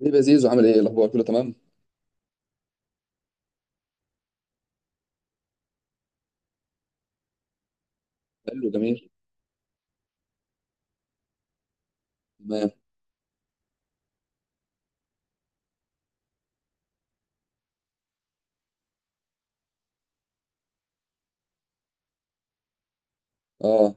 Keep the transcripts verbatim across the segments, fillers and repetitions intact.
ليه يا زيزو؟ عامل ايه؟ إيه الاخبار؟ كله تمام؟ حلو. جميل. تمام. اه،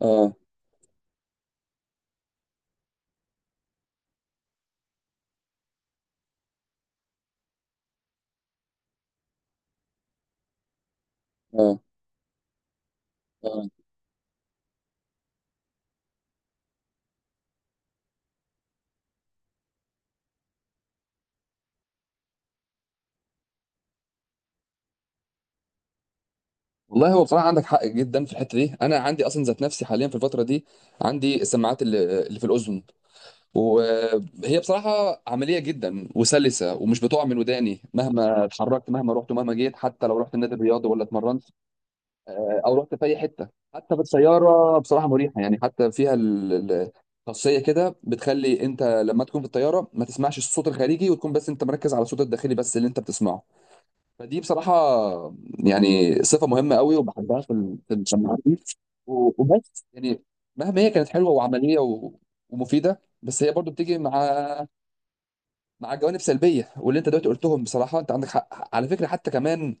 اه، اه، اه. والله، هو بصراحه عندك حق جدا في الحته دي. انا عندي اصلا ذات نفسي حاليا في الفتره دي عندي السماعات اللي اللي في الاذن، وهي بصراحه عمليه جدا وسلسه، ومش بتقع من وداني مهما اتحركت، مهما رحت ومهما جيت، حتى لو رحت النادي الرياضي ولا اتمرنت، آه، او رحت في اي حته. حتى في الطياره بصراحه مريحه، يعني حتى فيها ال- ال- خاصيه كده بتخلي انت لما تكون في الطياره ما تسمعش الصوت الخارجي، وتكون بس انت مركز على الصوت الداخلي بس اللي انت بتسمعه. فدي بصراحه يعني صفه مهمه قوي، وبحبها في ال- في السماعات دي. و- وبس يعني، مهما هي كانت حلوه وعمليه و- ومفيده، بس هي برضو بتيجي مع مع جوانب سلبيه، واللي انت دلوقتي قلتهم بصراحه، انت عندك حق على فكره. حتى كمان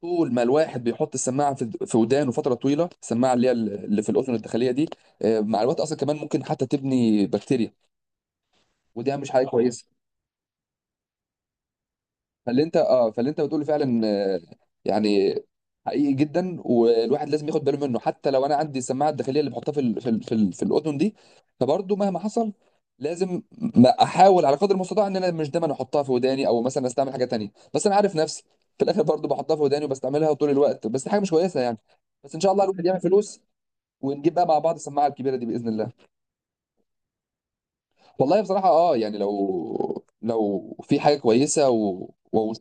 طول ما الواحد بيحط السماعه في في ودانه فتره طويله، السماعه اللي هي اللي في الاذن الداخليه دي، آه، مع الوقت اصلا كمان ممكن حتى تبني بكتيريا، ودي مش حاجه اه كويسه. فاللي انت اه فاللي انت بتقوله فعلا، آه، يعني حقيقي جدا، والواحد لازم ياخد باله منه. حتى لو انا عندي السماعه الداخليه اللي بحطها في ال... في ال... في, ال... في الاذن دي، فبرضه مهما حصل لازم ما احاول على قدر المستطاع ان انا مش دايما احطها في وداني، او مثلا استعمل حاجه تانية. بس انا عارف نفسي، في الاخر برضه بحطها في وداني وبستعملها طول الوقت، بس دي حاجه مش كويسه يعني. بس ان شاء الله الواحد يعمل فلوس، ونجيب بقى مع بعض السماعه الكبيره دي باذن الله. والله بصراحه اه يعني لو لو في حاجه كويسه و... و...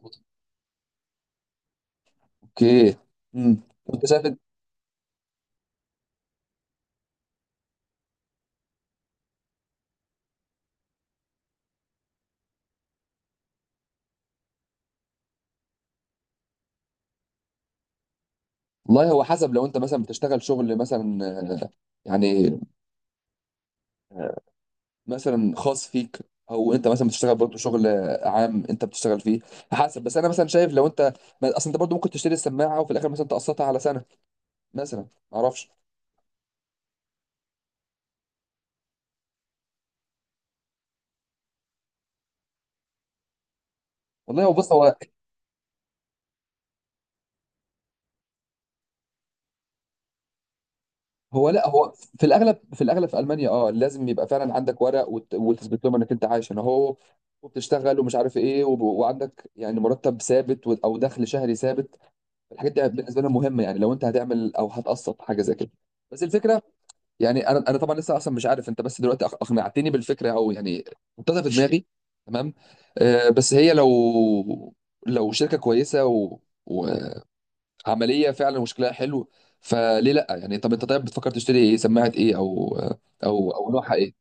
اوكي. امم وانت شايف إن- والله هو حسب، لو انت مثلا بتشتغل شغل مثلا، آه، يعني، آه، مثلا خاص فيك، او انت مثلا بتشتغل برضه شغل آه، عام انت بتشتغل فيه. حسب، بس انا مثلا شايف لو انت ما- اصل انت برضه ممكن تشتري السماعه وفي الاخر مثلا تقسطها على سنه، مثلا ما اعرفش. والله، هو بص، هو هو لا، هو في الاغلب في الاغلب في المانيا، اه لازم يبقى فعلا عندك ورق، وت- وتثبت لهم انك انت عايش هنا اهو وبتشتغل، ومش عارف ايه، وب- وعندك يعني مرتب ثابت و- او دخل شهري ثابت. الحاجات دي بالنسبه لنا مهمه، يعني لو انت هتعمل او هتقسط حاجه زي كده. بس الفكره، يعني انا انا طبعا لسه اصلا مش عارف، انت بس دلوقتي أق- اقنعتني بالفكره، او يعني حطيتها في دماغي. تمام. آه، بس هي لو لو شركه كويسه و... وعمليه فعلا وشكلها حلو، فليه لا يعني. طب انت، طيب بتفكر تشتري ايه؟ سماعه ايه؟ او او او نوعها ايه؟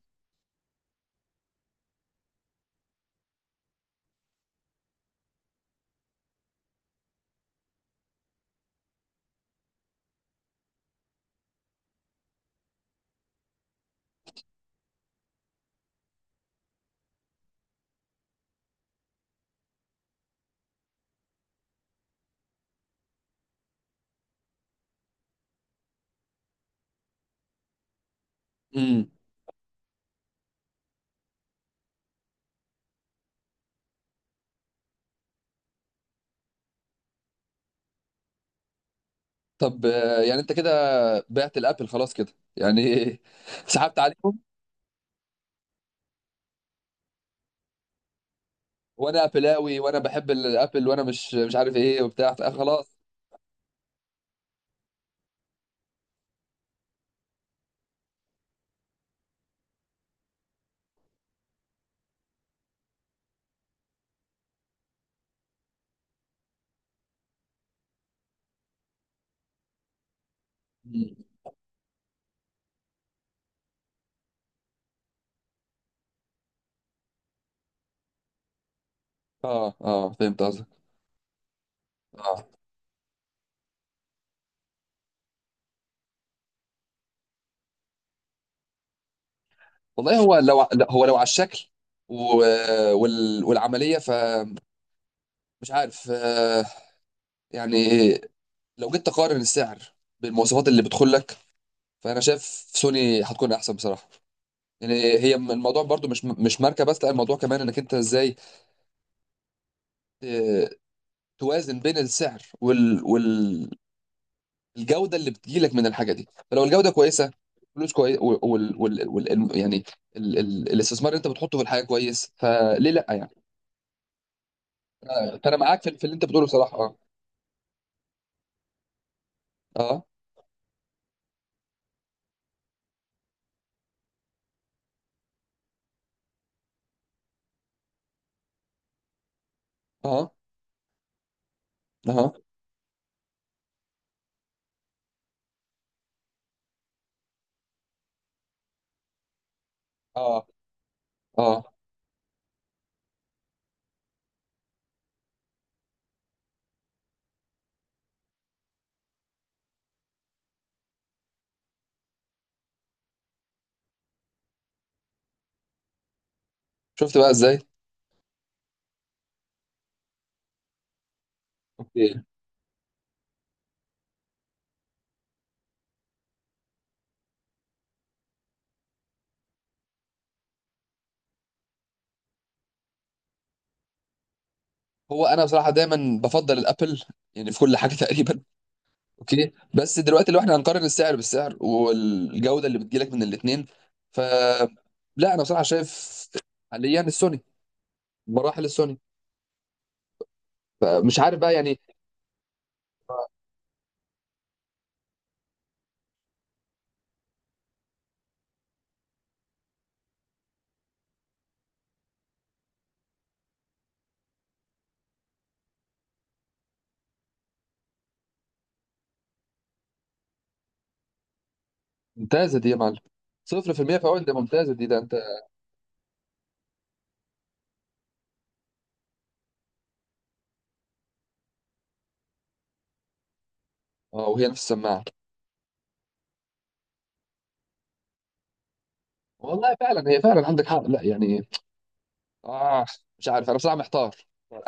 امم. طب، آه، يعني انت كده بعت الابل خلاص كده يعني. سحبت عليهم. وانا ابلاوي وانا بحب الابل وانا مش مش عارف ايه وبتاع، فخلاص. مم. اه، اه، فهمت قصدك. اه. والله، هو لو، لا، هو لو على الشكل و... وال... والعمليه، فمش عارف، آه يعني، لو جيت تقارن السعر بالمواصفات اللي بتدخل لك، فانا شايف سوني هتكون احسن بصراحه يعني. هي م- الموضوع برضو مش مش ماركه بس، لا الموضوع كمان انك انت ازاي آه، توازن بين السعر وال... وال... الجوده اللي بتجيلك من الحاجه دي. فلو الجوده كويسه، فلوس كويس وال... وال... وال... يعني ال... ال... الاستثمار اللي انت بتحطه في الحاجه كويس، فليه لا يعني. آه، فانا معاك في... في اللي انت بتقوله بصراحه. اه، اه، اه، اه، اه، اه، شفت بقى ازاي؟ اوكي. هو انا بصراحه دايما بفضل الابل يعني في كل حاجه تقريبا. اوكي، بس دلوقتي لو احنا هنقارن السعر بالسعر والجوده اللي بتجيلك من الاثنين، ف لا انا بصراحه شايف حاليا السوني، مراحل السوني، فمش عارف بقى يعني. ممتازة دي يا معلم، صفر في المية فوائد، ده ممتازة دي، ده انت. اه، وهي نفس السماعة. والله فعلا، هي فعلا عندك حق، لا يعني، اه مش عارف، انا بصراحة محتار.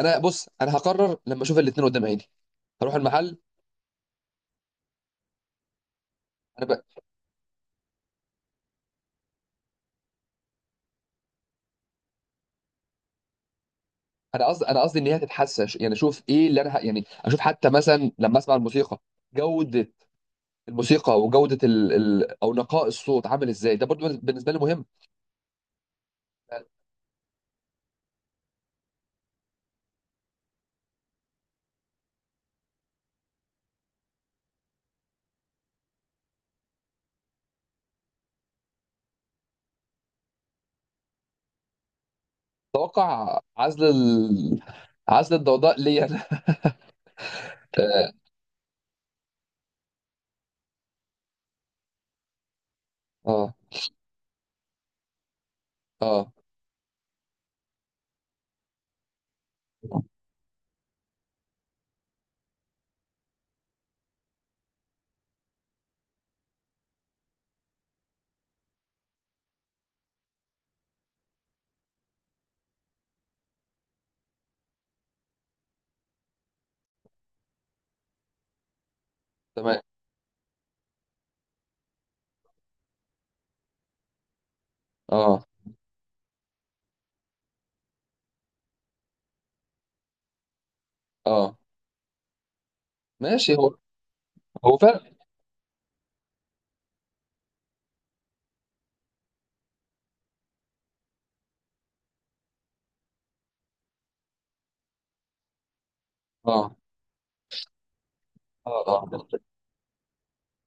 انا بص، انا هقرر لما اشوف الاتنين قدام عيني. هروح المحل. انا ب... انا قصدي، انا قصدي ان هي تتحسن، يعني اشوف ايه اللي انا ه... يعني اشوف حتى مثلا لما اسمع الموسيقى. جودة الموسيقى وجودة ال... ال... او نقاء الصوت عامل ازاي، ده برضو بالنسبة لي مهم. اتوقع عزل ال... عزل الضوضاء ليا. اه، اه، تمام. اه، اه، ماشي. هو هو فعلا. اه، اه، اه،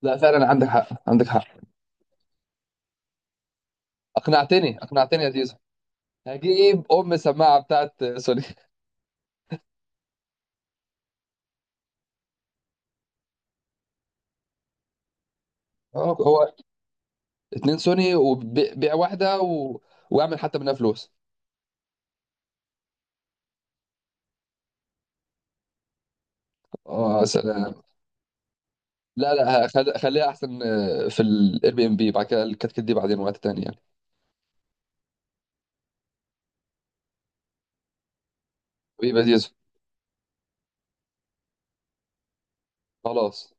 لا فعلا عندك حق، عندك حق. اقنعتني اقنعتني يا زيزو. هجيب ام السماعه بتاعت سوني. اه. هو اتنين سوني، وبيع واحده و... واعمل حتى منها فلوس. اه سلام. لا، لا، خل... خليها احسن، آه، في الاير بي ام بي، بعد كده الكتكت دي بعدين وقت تاني يعني. حبيبي يا زيزو. خلاص،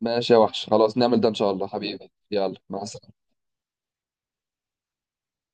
ماشي يا وحش، خلاص نعمل ده ان شاء الله. حبيبي، يلا مع السلامه.